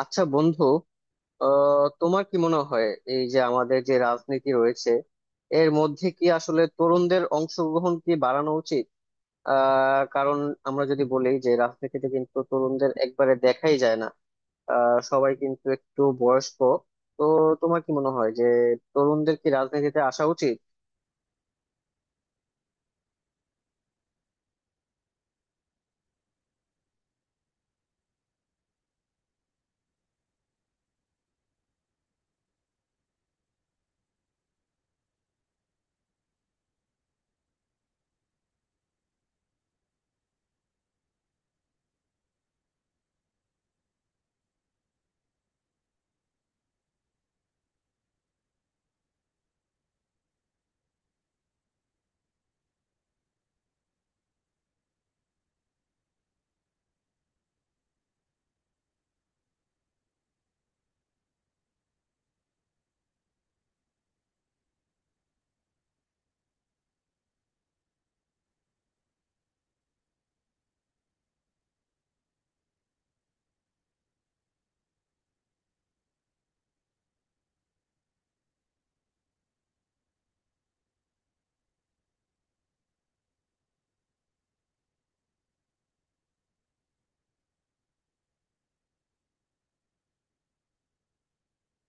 আচ্ছা বন্ধু, তোমার কি মনে হয়, এই যে আমাদের যে রাজনীতি রয়েছে এর মধ্যে কি আসলে তরুণদের অংশগ্রহণ কি বাড়ানো উচিত? কারণ আমরা যদি বলি যে রাজনীতিতে কিন্তু তরুণদের একবারে দেখাই যায় না, সবাই কিন্তু একটু বয়স্ক। তো তোমার কি মনে হয় যে তরুণদের কি রাজনীতিতে আসা উচিত?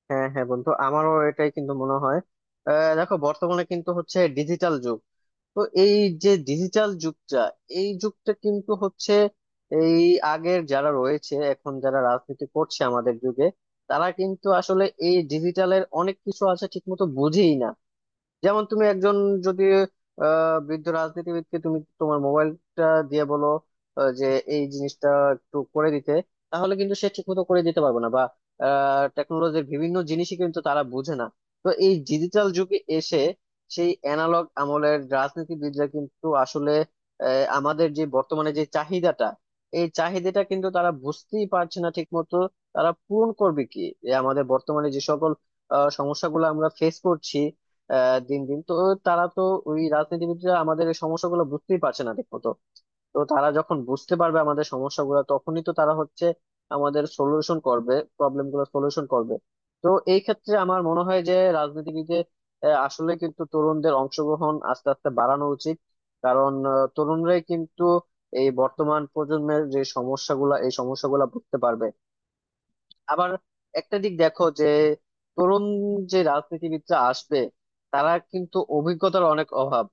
হ্যাঁ হ্যাঁ বন্ধু, আমারও এটাই কিন্তু মনে হয়। দেখো, বর্তমানে কিন্তু হচ্ছে ডিজিটাল যুগ। তো এই যে ডিজিটাল যুগটা, এই যুগটা কিন্তু হচ্ছে এই, আগের যারা রয়েছে এখন যারা রাজনীতি করছে আমাদের যুগে, তারা কিন্তু আসলে এই ডিজিটালের অনেক কিছু আছে ঠিক মতো বুঝেই না। যেমন তুমি একজন যদি বৃদ্ধ রাজনীতিবিদকে তুমি তোমার মোবাইলটা দিয়ে বলো যে এই জিনিসটা একটু করে দিতে, তাহলে কিন্তু সে ঠিকমতো করে দিতে পারবে না, বা টেকনোলজির বিভিন্ন জিনিসই কিন্তু তারা বুঝে না। তো এই ডিজিটাল যুগে এসে সেই অ্যানালগ আমলের রাজনীতিবিদরা কিন্তু আসলে আহ, আমাদের যে বর্তমানে যে চাহিদাটা, এই চাহিদাটা কিন্তু তারা বুঝতেই পারছে না ঠিকমতো। তারা পূরণ করবে কি, যে আমাদের বর্তমানে যে সকল সমস্যাগুলো আমরা ফেস করছি দিন দিন, তো তারা তো, ওই রাজনীতিবিদরা আমাদের এই সমস্যাগুলো বুঝতেই পারছে না ঠিক মতো। তো তারা যখন বুঝতে পারবে আমাদের সমস্যাগুলো তখনই তো তারা হচ্ছে আমাদের সলিউশন করবে, প্রবলেম গুলো সলিউশন করবে। তো এই ক্ষেত্রে আমার মনে হয় যে রাজনীতিবিদে আসলে কিন্তু তরুণদের অংশগ্রহণ আস্তে আস্তে বাড়ানো উচিত। কারণ তরুণরাই কিন্তু এই বর্তমান প্রজন্মের যে সমস্যাগুলা, এই সমস্যাগুলা বুঝতে পারবে। আবার একটা দিক দেখো যে তরুণ যে রাজনীতিবিদরা আসবে, তারা কিন্তু অভিজ্ঞতার অনেক অভাব।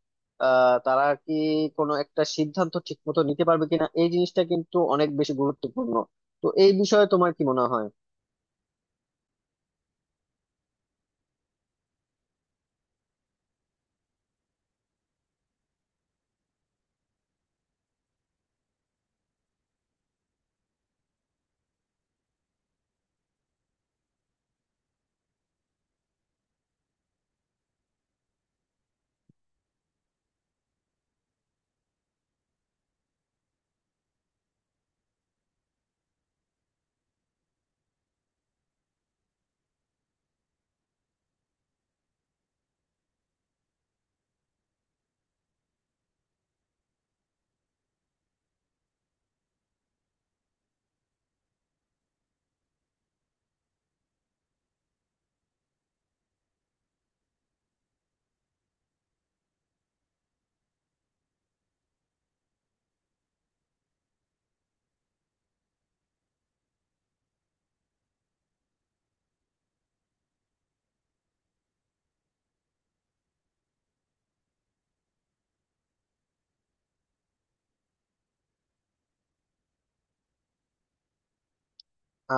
তারা কি কোনো একটা সিদ্ধান্ত ঠিক মতো নিতে পারবে কিনা, এই জিনিসটা কিন্তু অনেক বেশি গুরুত্বপূর্ণ। তো এই বিষয়ে তোমার কি মনে হয়?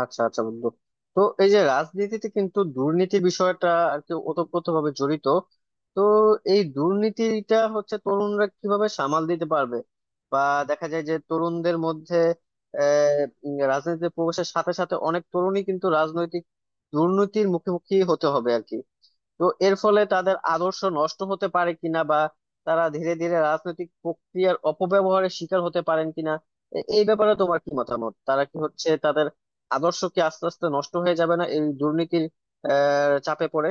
আচ্ছা আচ্ছা বন্ধু, তো এই যে রাজনীতিতে কিন্তু দুর্নীতি বিষয়টা আর কি ওতপ্রোতভাবে জড়িত। তো এই দুর্নীতিটা হচ্ছে তরুণরা কিভাবে সামাল দিতে পারবে? বা দেখা যায় যে তরুণদের মধ্যে আহ রাজনীতিতে প্রবেশের সাথে সাথে অনেক তরুণই কিন্তু রাজনৈতিক দুর্নীতির মুখোমুখি হতে হবে আর কি। তো এর ফলে তাদের আদর্শ নষ্ট হতে পারে কিনা, বা তারা ধীরে ধীরে রাজনৈতিক প্রক্রিয়ার অপব্যবহারের শিকার হতে পারেন কিনা, এই ব্যাপারে তোমার কি মতামত? তারা কি হচ্ছে তাদের আদর্শ কি আস্তে আস্তে নষ্ট হয়ে যাবে না এই দুর্নীতির চাপে পড়ে?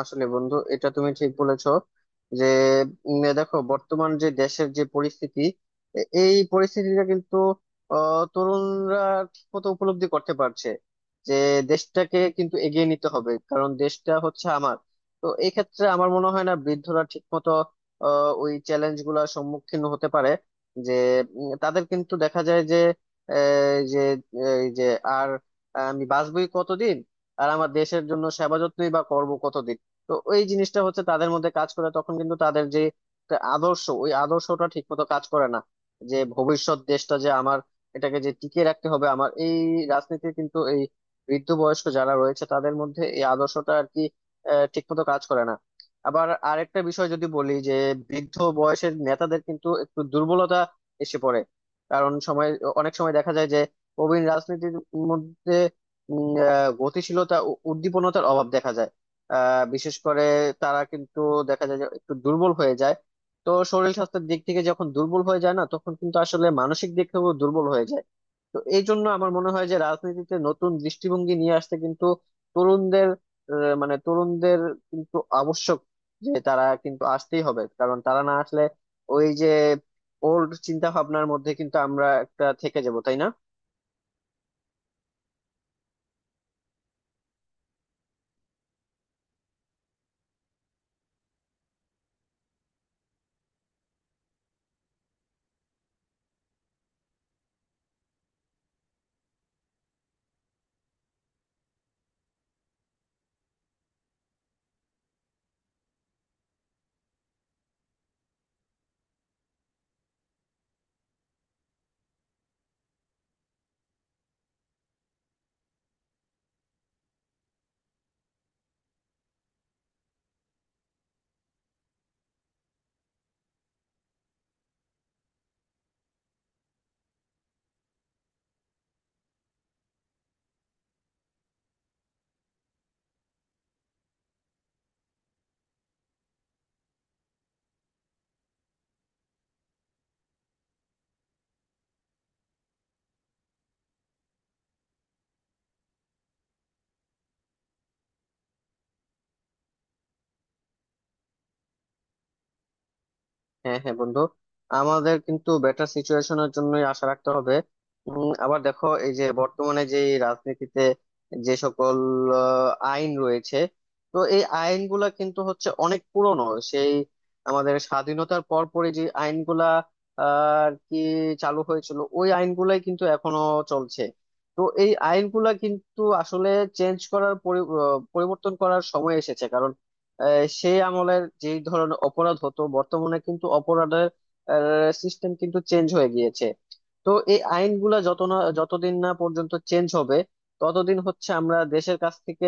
আসলে বন্ধু, এটা তুমি ঠিক বলেছো যে দেখো, বর্তমান যে দেশের যে পরিস্থিতি, এই পরিস্থিতিটা কিন্তু তরুণরা ঠিকমতো উপলব্ধি করতে পারছে যে দেশটাকে কিন্তু এগিয়ে নিতে হবে কারণ দেশটা হচ্ছে আমার। তো এই ক্ষেত্রে আমার মনে হয় না বৃদ্ধরা ঠিকমতো ওই চ্যালেঞ্জ গুলা সম্মুখীন হতে পারে। যে তাদের কিন্তু দেখা যায় যে আহ, যে এই যে আর আমি বাঁচবই কতদিন, আর আমার দেশের জন্য সেবা যত্নই বা করবো কতদিন। তো ওই জিনিসটা হচ্ছে তাদের মধ্যে কাজ করে, তখন কিন্তু তাদের যে একটা আদর্শ, ওই আদর্শটা ঠিক মতো কাজ করে না যে ভবিষ্যৎ দেশটা যে আমার, এটাকে যে টিকিয়ে রাখতে হবে। আমার এই রাজনীতি কিন্তু এই বৃদ্ধ বয়স্ক যারা রয়েছে তাদের মধ্যে এই আদর্শটা আর কি ঠিক মতো কাজ করে না। আবার আরেকটা বিষয় যদি বলি যে বৃদ্ধ বয়সের নেতাদের কিন্তু একটু দুর্বলতা এসে পড়ে। কারণ সময়, অনেক সময় দেখা যায় যে প্রবীণ রাজনীতির মধ্যে গতিশীলতা ও উদ্দীপনতার অভাব দেখা যায়। বিশেষ করে তারা কিন্তু দেখা যায় যে একটু দুর্বল হয়ে যায়। তো শরীর স্বাস্থ্যের দিক থেকে যখন দুর্বল হয়ে যায় না, তখন কিন্তু আসলে মানসিক দিক থেকেও দুর্বল হয়ে যায়। তো এই জন্য আমার মনে হয় যে রাজনীতিতে নতুন দৃষ্টিভঙ্গি নিয়ে আসতে কিন্তু তরুণদের, আহ, মানে তরুণদের কিন্তু আবশ্যক, যে তারা কিন্তু আসতেই হবে। কারণ তারা না আসলে ওই যে ওল্ড চিন্তা ভাবনার মধ্যে কিন্তু আমরা একটা থেকে যাব, তাই না? হ্যাঁ হ্যাঁ বন্ধু, আমাদের কিন্তু বেটার সিচুয়েশনের জন্যই আশা রাখতে হবে। আবার দেখো, এই যে বর্তমানে যে রাজনীতিতে যে সকল আইন রয়েছে, তো এই আইনগুলা কিন্তু হচ্ছে অনেক পুরনো। সেই আমাদের স্বাধীনতার পরপরই যে আইনগুলা আহ, আর কি চালু হয়েছিল, ওই আইনগুলাই কিন্তু এখনো চলছে। তো এই আইনগুলা কিন্তু আসলে চেঞ্জ পরিবর্তন করার সময় এসেছে। আহ, সেই আমলের যে ধরনের অপরাধ হতো, বর্তমানে কিন্তু অপরাধের সিস্টেম কিন্তু চেঞ্জ হয়ে গিয়েছে। তো এই আইনগুলা যত না, যতদিন না পর্যন্ত চেঞ্জ হবে ততদিন হচ্ছে আমরা দেশের কাছ থেকে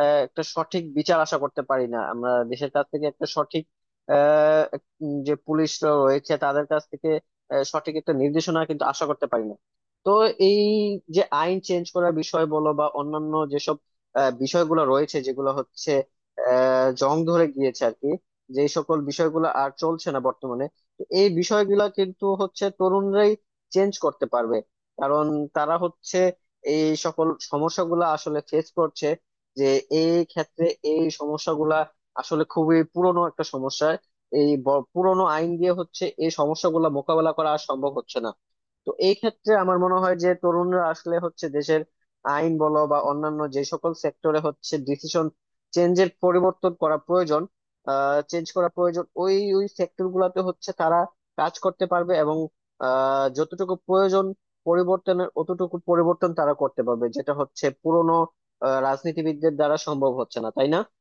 একটা সঠিক বিচার আশা করতে পারি না। আমরা দেশের কাছ থেকে একটা সঠিক, যে পুলিশ রয়েছে তাদের কাছ থেকে সঠিক একটা নির্দেশনা কিন্তু আশা করতে পারি না। তো এই যে আইন চেঞ্জ করার বিষয় বলো বা অন্যান্য যেসব বিষয়গুলো রয়েছে যেগুলো হচ্ছে জং ধরে গিয়েছে আর কি, যে সকল বিষয়গুলো আর চলছে না বর্তমানে। তো এই বিষয়গুলো কিন্তু হচ্ছে তরুণরাই চেঞ্জ করতে পারবে। কারণ তারা হচ্ছে এই সকল সমস্যাগুলো আসলে ফেস করছে। যে এই ক্ষেত্রে এই সমস্যাগুলা আসলে খুবই পুরনো একটা সমস্যা। পুরনো আইন দিয়ে হচ্ছে এই সমস্যাগুলো মোকাবেলা করা আর সম্ভব হচ্ছে না। তো এই ক্ষেত্রে আমার মনে হয় যে তরুণরা আসলে হচ্ছে দেশের আইন বলো বা অন্যান্য যে সকল সেক্টরে হচ্ছে ডিসিশন চেঞ্জের পরিবর্তন করা প্রয়োজন, চেঞ্জ করা প্রয়োজন। ওই ওই সেক্টর গুলাতে হচ্ছে তারা কাজ করতে পারবে এবং যতটুকু প্রয়োজন পরিবর্তনের অতটুকু পরিবর্তন তারা করতে পারবে, যেটা হচ্ছে পুরনো রাজনীতিবিদদের দ্বারা সম্ভব হচ্ছে না, তাই না?